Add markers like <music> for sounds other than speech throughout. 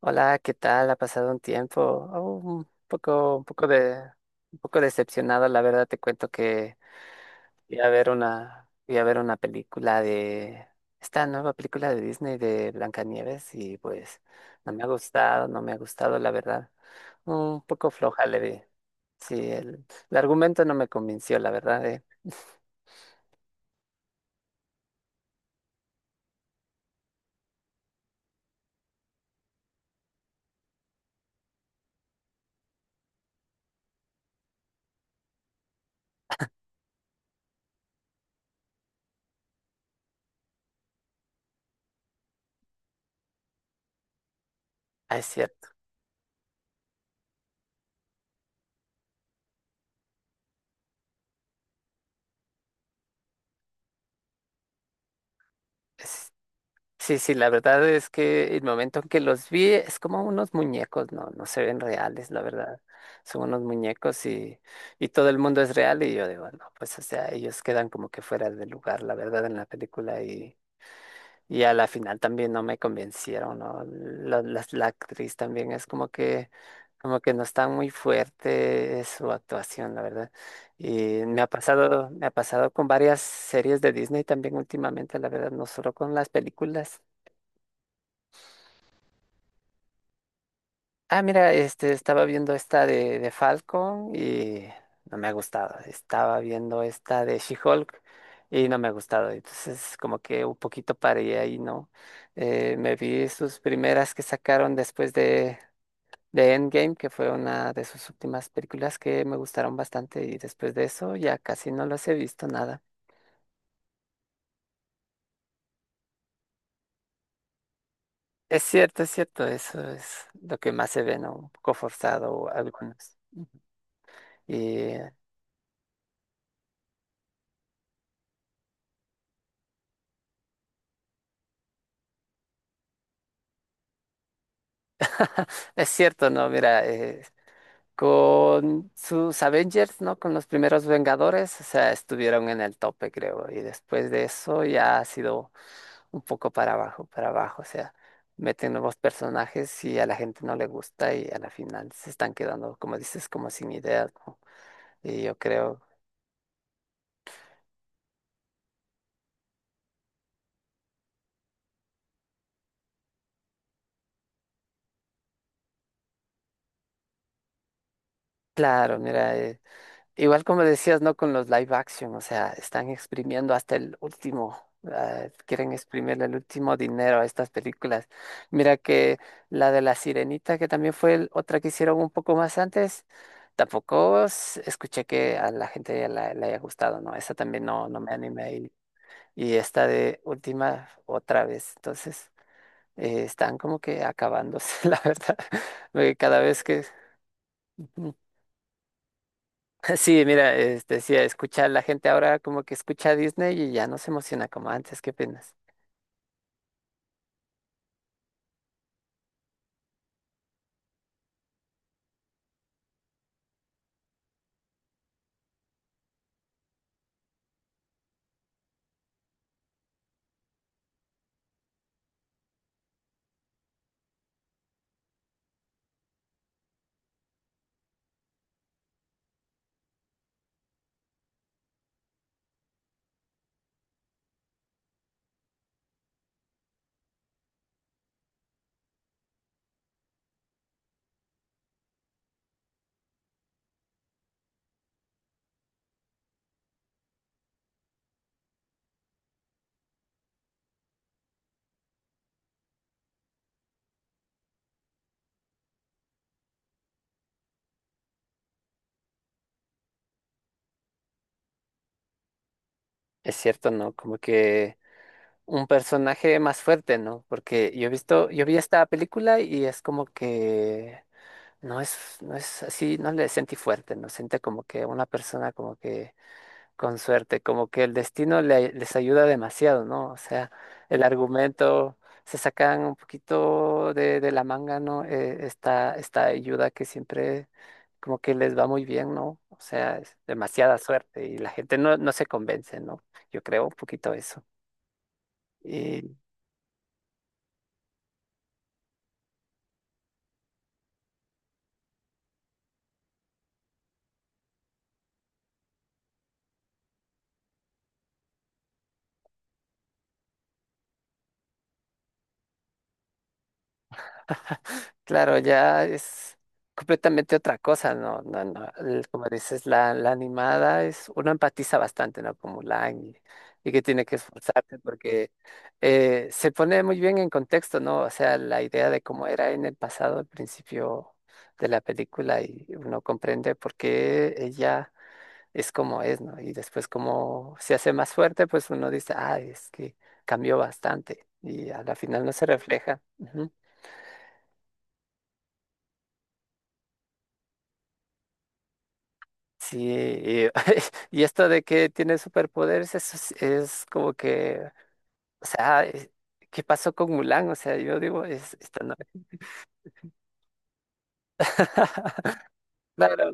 Hola, ¿qué tal? Ha pasado un tiempo. Oh, un poco decepcionado, la verdad. Te cuento que fui a ver una película de esta nueva película de Disney de Blancanieves y pues no me ha gustado, la verdad. Un poco floja le vi. Sí, el argumento no me convenció, la verdad. Ah, es cierto. Sí, sí, la verdad es que el momento en que los vi es como unos muñecos, no, no se ven reales, la verdad. Son unos muñecos y todo el mundo es real y yo digo, no, pues o sea, ellos quedan como que fuera de lugar, la verdad, en la película y a la final también no me convencieron, ¿no? La actriz también es como que no está muy fuerte su actuación, la verdad. Me ha pasado con varias series de Disney también últimamente, la verdad, no solo con las películas. Ah, mira, estaba viendo esta de Falcon y no me ha gustado. Estaba viendo esta de She-Hulk y no me ha gustado. Entonces, como que un poquito paré ahí, ¿no? Me vi sus primeras que sacaron después de Endgame, que fue una de sus últimas películas que me gustaron bastante y después de eso ya casi no los he visto nada. Es cierto, eso es lo que más se ve, ¿no? Un poco forzado algunos. Y <laughs> es cierto, ¿no? Mira, con sus Avengers, ¿no? Con los primeros Vengadores, o sea, estuvieron en el tope, creo. Y después de eso ya ha sido un poco para abajo, para abajo. O sea, meten nuevos personajes y a la gente no le gusta y a la final se están quedando, como dices, como sin ideas, ¿no? Y yo creo, claro, mira. Igual como decías, ¿no? Con los live action, o sea, están exprimiendo hasta el último, ah, quieren exprimirle el último dinero a estas películas. Mira que la de La Sirenita, que también fue otra que hicieron un poco más antes, tampoco escuché que a la gente ya le haya gustado, ¿no? Esa también no, no me animé y esta de última otra vez. Entonces, están como que acabándose, <laughs> la verdad, porque cada vez que... <laughs> Sí, mira, sí, escucha, la gente ahora como que escucha a Disney y ya no se emociona como antes, ¿qué opinas? Es cierto, ¿no? Como que un personaje más fuerte, ¿no? Porque yo he visto, yo vi esta película y es como que no es, no es así, no le sentí fuerte, ¿no? Sentí como que una persona como que con suerte, como que el destino les ayuda demasiado, ¿no? O sea, el argumento se sacan un poquito de la manga, ¿no? Esta ayuda que siempre como que les va muy bien, ¿no? O sea, es demasiada suerte y la gente no, no se convence, ¿no? Yo creo un poquito eso. Claro, ya es completamente otra cosa, ¿no? No, no, como dices, la animada es, uno empatiza bastante, ¿no? Como Mulan y que tiene que esforzarse porque se pone muy bien en contexto, ¿no? O sea, la idea de cómo era en el pasado, al principio de la película y uno comprende por qué ella es como es, ¿no? Y después como se hace más fuerte, pues uno dice, ah, es que cambió bastante y a la final no se refleja. Sí, y, <laughs> y esto de que tiene superpoderes eso es como que, o sea, ¿qué pasó con Mulan? O sea, yo digo, es, esta no. <laughs> Claro,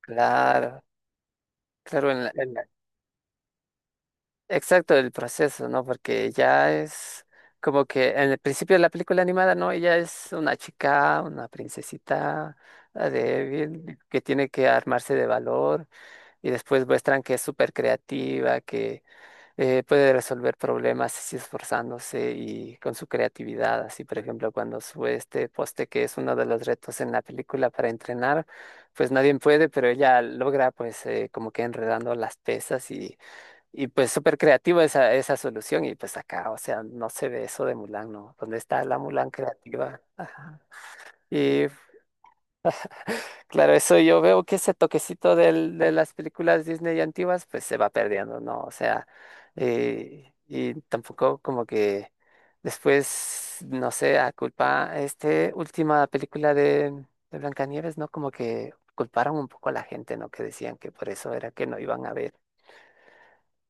claro, claro, en exacto el proceso, ¿no? Porque ya es como que en el principio de la película animada, ¿no? Ella es una chica, una princesita ah, débil, que tiene que armarse de valor y después muestran que es súper creativa, puede resolver problemas así esforzándose y con su creatividad. Así, por ejemplo, cuando sube este poste, que es uno de los retos en la película para entrenar, pues nadie puede, pero ella logra, pues, como que enredando las pesas y pues súper creativa esa, esa solución. Y pues acá, o sea, no se ve eso de Mulan, ¿no? ¿Dónde está la Mulan creativa? Ajá. Y claro, eso yo veo que ese toquecito de las películas Disney antiguas pues se va perdiendo, ¿no? O sea, y tampoco como que después, no sé, a culpa, este última película de Blancanieves, ¿no? Como que culparon un poco a la gente, ¿no? Que decían que por eso era que no iban a ver.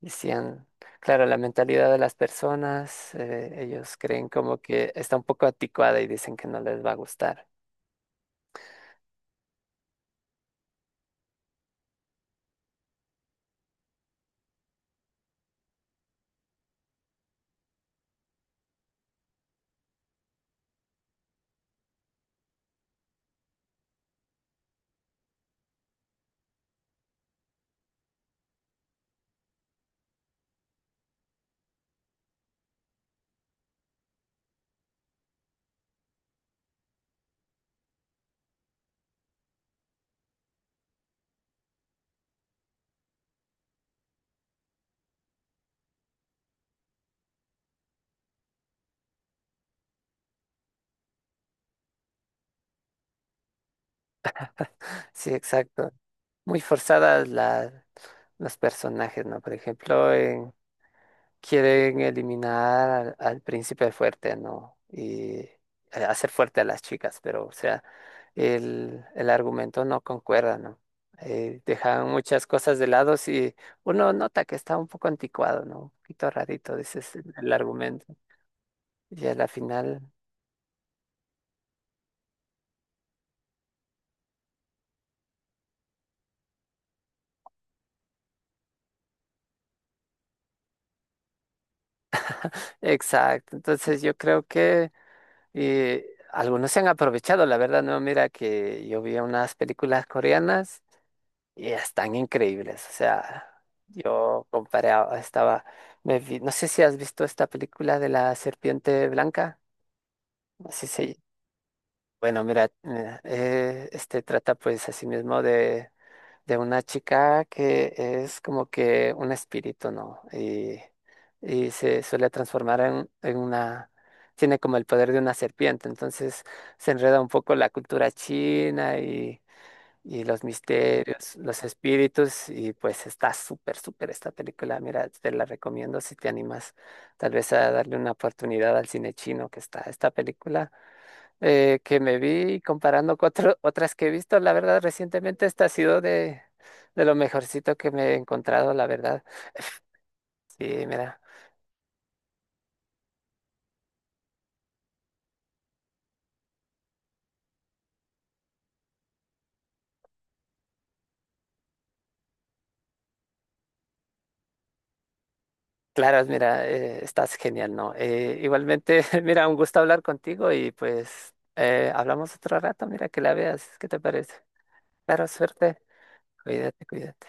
Decían, claro, la mentalidad de las personas, ellos creen como que está un poco anticuada y dicen que no les va a gustar. Sí, exacto. Muy forzadas las los personajes, ¿no? Por ejemplo, quieren eliminar al príncipe fuerte, ¿no? Y hacer fuerte a las chicas, pero, o sea, el argumento no concuerda, ¿no? Dejan muchas cosas de lado y uno nota que está un poco anticuado, ¿no? Un poquito rarito, dices, el argumento. Y a la final, exacto. Entonces yo creo que eh, algunos se han aprovechado, la verdad, ¿no? Mira que yo vi unas películas coreanas y están increíbles. O sea, yo comparé, no sé si has visto esta película de la serpiente blanca. Así se, bueno, mira, mira, este trata pues así mismo de una chica que es como que un espíritu, ¿no? Y se suele transformar en una, tiene como el poder de una serpiente. Entonces se enreda un poco la cultura china y los misterios, los espíritus, y pues está súper, súper esta película. Mira, te la recomiendo si te animas tal vez a darle una oportunidad al cine chino que está esta película que me vi comparando con otras que he visto. La verdad, recientemente esta ha sido de lo mejorcito que me he encontrado, la verdad. <laughs> Sí, mira. Claro, mira, estás genial, ¿no? Igualmente, <laughs> mira, un gusto hablar contigo y pues hablamos otro rato, mira, que la veas, ¿qué te parece? Claro, suerte. Cuídate, cuídate.